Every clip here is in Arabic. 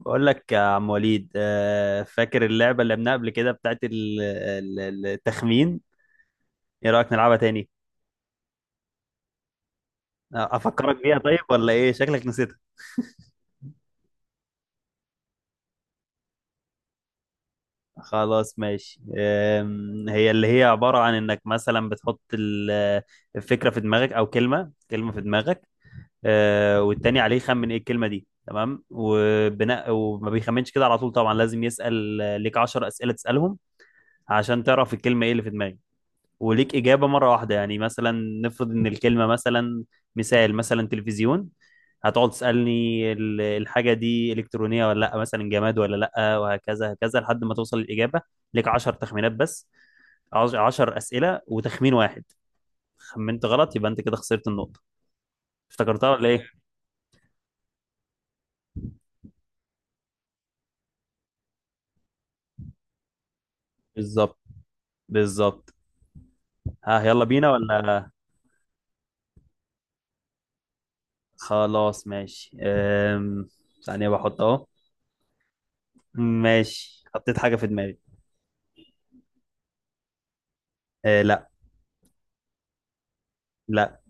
بقول لك يا عم وليد، فاكر اللعبة اللي لعبناها قبل كده بتاعت التخمين. ايه رأيك نلعبها تاني؟ افكرك بيها، طيب ولا ايه شكلك نسيتها؟ خلاص ماشي. هي اللي هي عبارة عن انك مثلا بتحط الفكرة في دماغك، او كلمة كلمة في دماغك. والتاني عليه يخمن ايه الكلمة دي. تمام، وبناء وما بيخمنش كده على طول طبعا لازم يسأل ليك 10 أسئلة تسألهم عشان تعرف الكلمة ايه اللي في دماغك. وليك إجابة مرة واحدة، يعني مثلا نفرض إن الكلمة مثلا، مثال مثلا تلفزيون. هتقعد تسألني الحاجة دي إلكترونية ولا لأ، مثلا جماد ولا لأ، وهكذا هكذا لحد ما توصل الإجابة. ليك عشر تخمينات بس. عشر أسئلة وتخمين واحد. خمنت غلط يبقى أنت كده خسرت النقطة. افتكرتها ولا إيه؟ بالظبط. بالظبط. ها، يلا بينا ولا؟ خلاص ماشي. ثانية بحط أهو. ماشي، حطيت حاجة في دماغي. أه، لا. لا.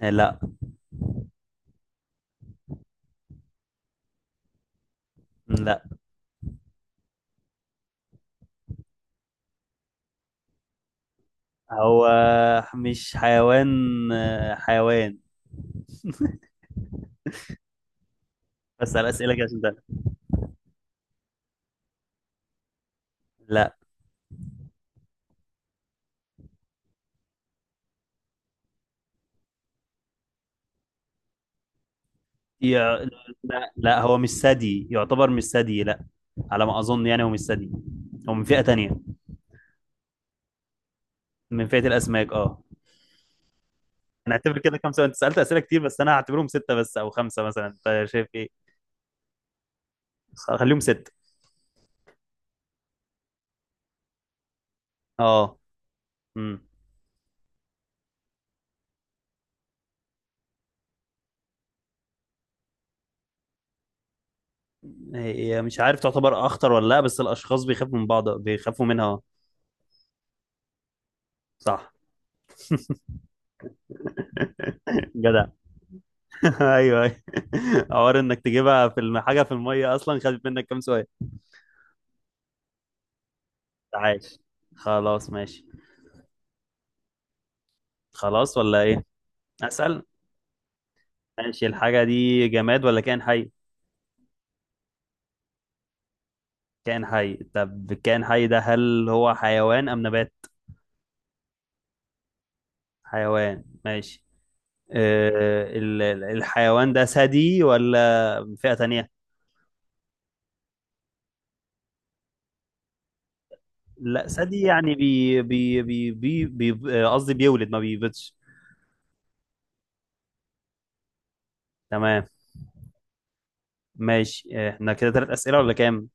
أه، لا. لا. هو مش حيوان. آه، حيوان. بسأل أسئلة كده عشان ده. لا، يع... لا لا، هو مش ثدي، يعتبر مش ثدي، لا. على ما أظن يعني هو مش ثدي. هو من فئة تانية. من فئة الأسماك، اه. أنا هعتبر كده كام سؤال؟ أنت سألت أسئلة كتير بس أنا هعتبرهم ستة بس أو خمسة مثلا، أنت شايف إيه؟ خليهم ستة. اه. امم. هي مش عارف تعتبر أخطر ولا لا، بس الأشخاص بيخافوا من بعض، بيخافوا منها اه. صح. جدع. ايوه، ايوه. حوار انك تجيبها في حاجه في الميه اصلا، خدت منك كام سؤال؟ عاش. خلاص ماشي. خلاص ولا ايه؟ اسال. ماشي، الحاجه دي جماد ولا كائن حي؟ كائن حي. طب الكائن حي ده هل هو حيوان ام نبات؟ حيوان، ماشي. أه، الحيوان ده ثدي ولا فئه تانية؟ لا، ثدي يعني بي، قصدي بيولد ما بيبيضش. تمام. ماشي، احنا كده ثلاث اسئله ولا كام؟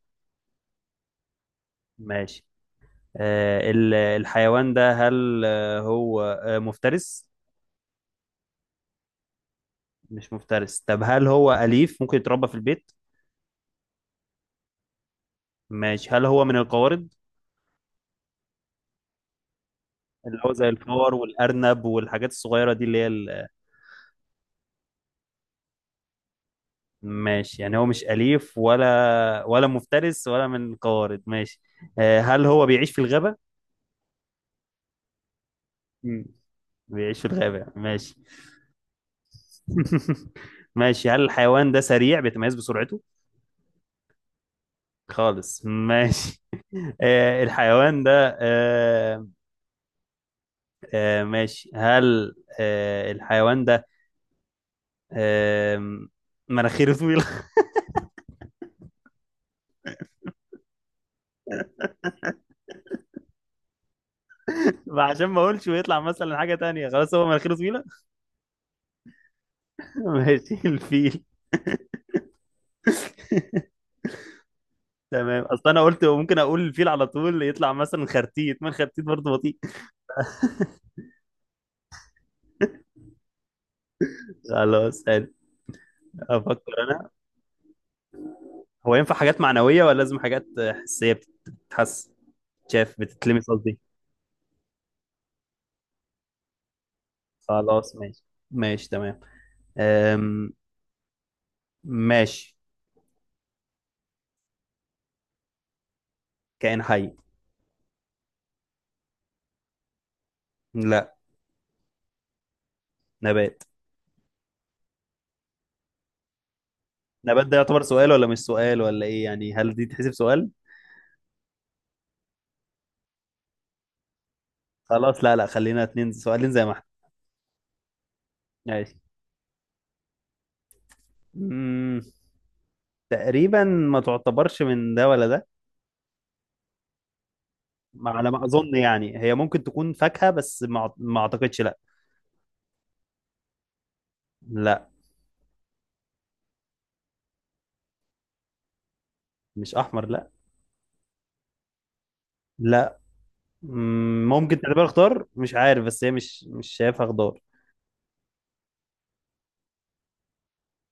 ماشي. الحيوان ده هل هو مفترس؟ مش مفترس. طب هل هو أليف، ممكن يتربى في البيت؟ ماشي، هل هو من القوارض؟ اللي هو زي الفار والأرنب والحاجات الصغيرة دي اللي هي ماشي، يعني هو مش أليف، ولا مفترس، ولا من القوارض، ماشي. هل هو بيعيش في الغابة؟ مم. بيعيش في الغابة، ماشي. ماشي، هل الحيوان ده سريع بيتميز بسرعته؟ خالص ماشي. الحيوان ده ماشي، هل الحيوان ده آه مناخيره طويلة؟ عشان ما اقولش ويطلع مثلا حاجة تانية، خلاص هو مناخيره طويلة. ماشي، الفيل. تمام، اصل انا قلت ممكن اقول الفيل على طول يطلع مثلا خرتيت، ما الخرتيت برضه بطيء. خلاص حلو. افكر انا. هو ينفع حاجات معنوية ولا لازم حاجات حسية؟ بتتحس، شاف، بتتلمس قصدي. خلاص ماشي. ماشي تمام. أم... ماشي. كائن حي. لا. نبات. النبات ده يعتبر سؤال ولا مش سؤال، ولا ايه يعني، هل دي تحسب سؤال؟ خلاص، لا لا، خلينا اتنين سؤالين زي ما احنا. ماشي. مم، تقريبا ما تعتبرش من ده ولا ده. على ما اظن يعني هي ممكن تكون فاكهة، بس ما اعتقدش، لا. لا. مش احمر، لا. لا. ممكن تعتبرها خضار، مش عارف، بس هي مش شايفها خضار.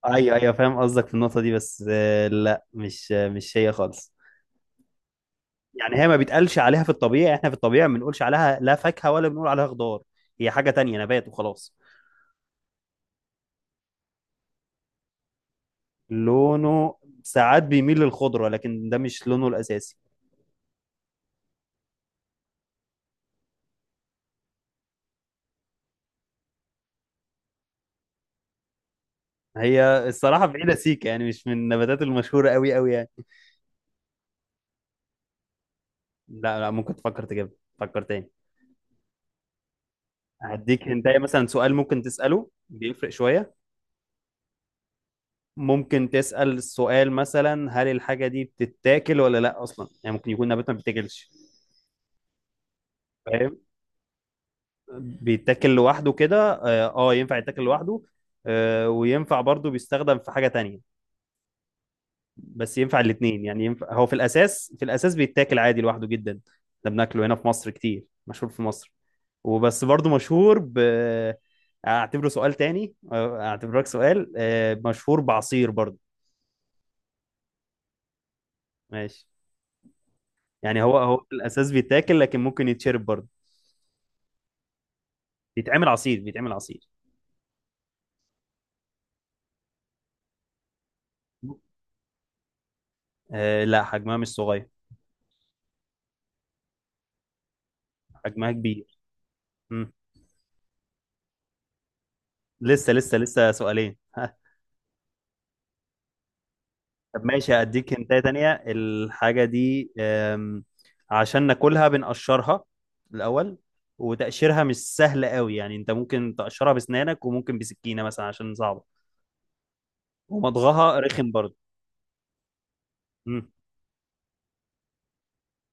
ايوه ايوه، فاهم قصدك في النقطة دي، بس لا، مش هي خالص. يعني هي ما بيتقالش عليها في الطبيعي، احنا في الطبيعي ما بنقولش عليها لا فاكهة ولا بنقول عليها خضار. هي حاجة تانية، نبات وخلاص. لونه ساعات بيميل للخضرة، لكن ده مش لونه الأساسي. هي الصراحة بعيدة سيكة، يعني مش من النباتات المشهورة قوي قوي يعني. لا لا، ممكن تفكر تجيبها. فكر تاني. هديك انت مثلا سؤال ممكن تسأله بيفرق شوية. ممكن تسأل السؤال مثلا هل الحاجة دي بتتاكل ولا لا، أصلا يعني ممكن يكون نبات ما بيتاكلش. فاهم. بيتاكل لوحده كده اه، ينفع يتاكل لوحده. وينفع برضه بيستخدم في حاجة تانية. بس ينفع الاتنين، يعني ينفع، هو في الأساس بيتاكل عادي لوحده جدا. ده بناكله هنا في مصر كتير، مشهور في مصر. وبس برضه مشهور ب، اعتبره سؤال تاني، اعتبرك سؤال، مشهور بعصير برضه. ماشي. يعني هو في الأساس بيتاكل، لكن ممكن يتشرب برضه. بيتعمل عصير، بيتعمل عصير. لا، حجمها مش صغير. حجمها كبير. لسه سؤالين، ها. طب ماشي، هديك هنتاية تانية. الحاجة دي عشان ناكلها بنقشرها الأول، وتقشيرها مش سهل قوي، يعني انت ممكن تقشرها بسنانك وممكن بسكينة مثلا عشان صعبة. ومضغها رخم برضه. مم.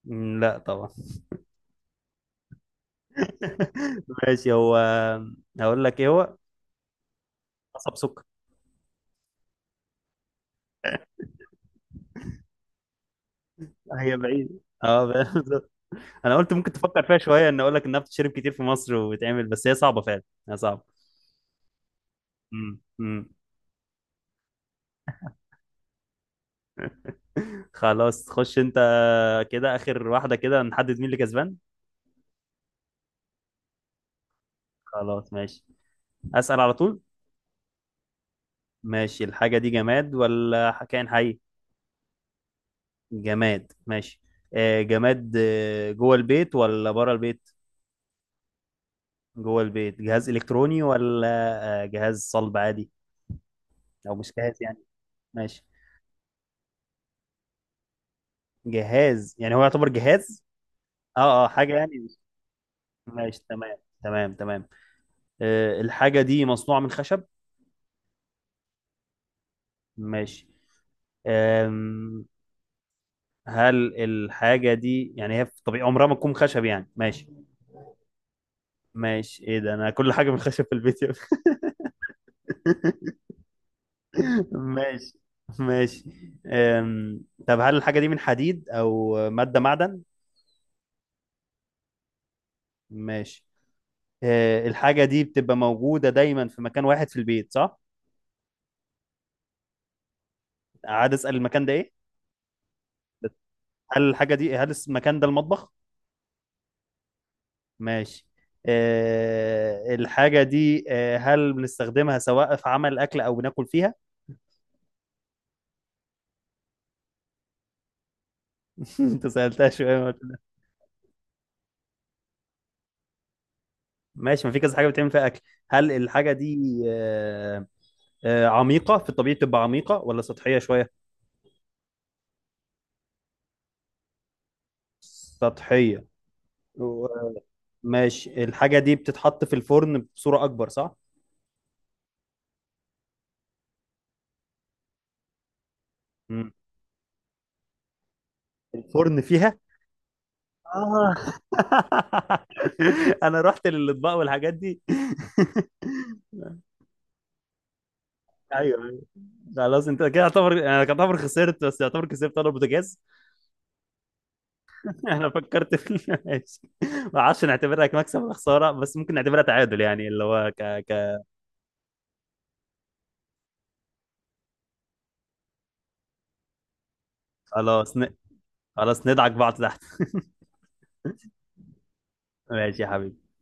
لا طبعا. ماشي، هو. هقول لك ايه هو، قصب سكر. هي بعيد، اه، بالظبط. انا قلت ممكن تفكر فيها شويه، ان اقول لك انها بتتشرب كتير في مصر وبتعمل، بس هي صعبه فعلا. هي صعبه. امم. خلاص، خش انت. كده اخر واحدة، كده نحدد مين اللي كسبان. خلاص ماشي. اسأل على طول. ماشي، الحاجة دي جماد ولا كائن حي؟ جماد. ماشي. جماد، جوه البيت ولا بره البيت؟ جوه البيت. جهاز الكتروني ولا جهاز صلب عادي، او مش جهاز يعني؟ ماشي. جهاز يعني، هو يعتبر جهاز؟ اه اه، حاجة يعني ماشي تمام. تمام، تمام. الحاجة دي مصنوعة من خشب؟ ماشي. آه، هل الحاجة دي يعني هي في طبيعي عمرها ما تكون خشب، يعني ماشي. ماشي، ايه ده، انا كل حاجة من خشب في البيت يا ابني. ماشي. ماشي. طب هل الحاجة دي من حديد او مادة معدن؟ ماشي. الحاجة دي بتبقى موجودة دايما في مكان واحد في البيت، صح؟ عاد اسأل، المكان ده ايه؟ هل الحاجة دي هل المكان ده المطبخ؟ ماشي. الحاجة دي هل بنستخدمها سواء في عمل أكل أو بناكل فيها؟ أنت سألتها شوية. ماشي، ما في كذا حاجه بتعمل فيها اكل. هل الحاجه دي عميقه، في الطبيعي بتبقى عميقه ولا سطحيه شويه؟ سطحيه. و- ماشي، الحاجه دي بتتحط في الفرن بصوره اكبر، صح؟ مم. الفرن فيها. آه. انا رحت للاطباق والحاجات دي ايوه، أيوة. خلاص انت كده يعتبر، انا يعتبر خسرت بس يعتبر كسبت، انا البوتاجاز. انا فكرت في ماشي. ما اعرفش نعتبرها كمكسب ولا خساره، بس ممكن نعتبرها تعادل، يعني اللي هو ك، ك، خلاص خلاص ندعك بعض تحت. ماشي يا حبيبي.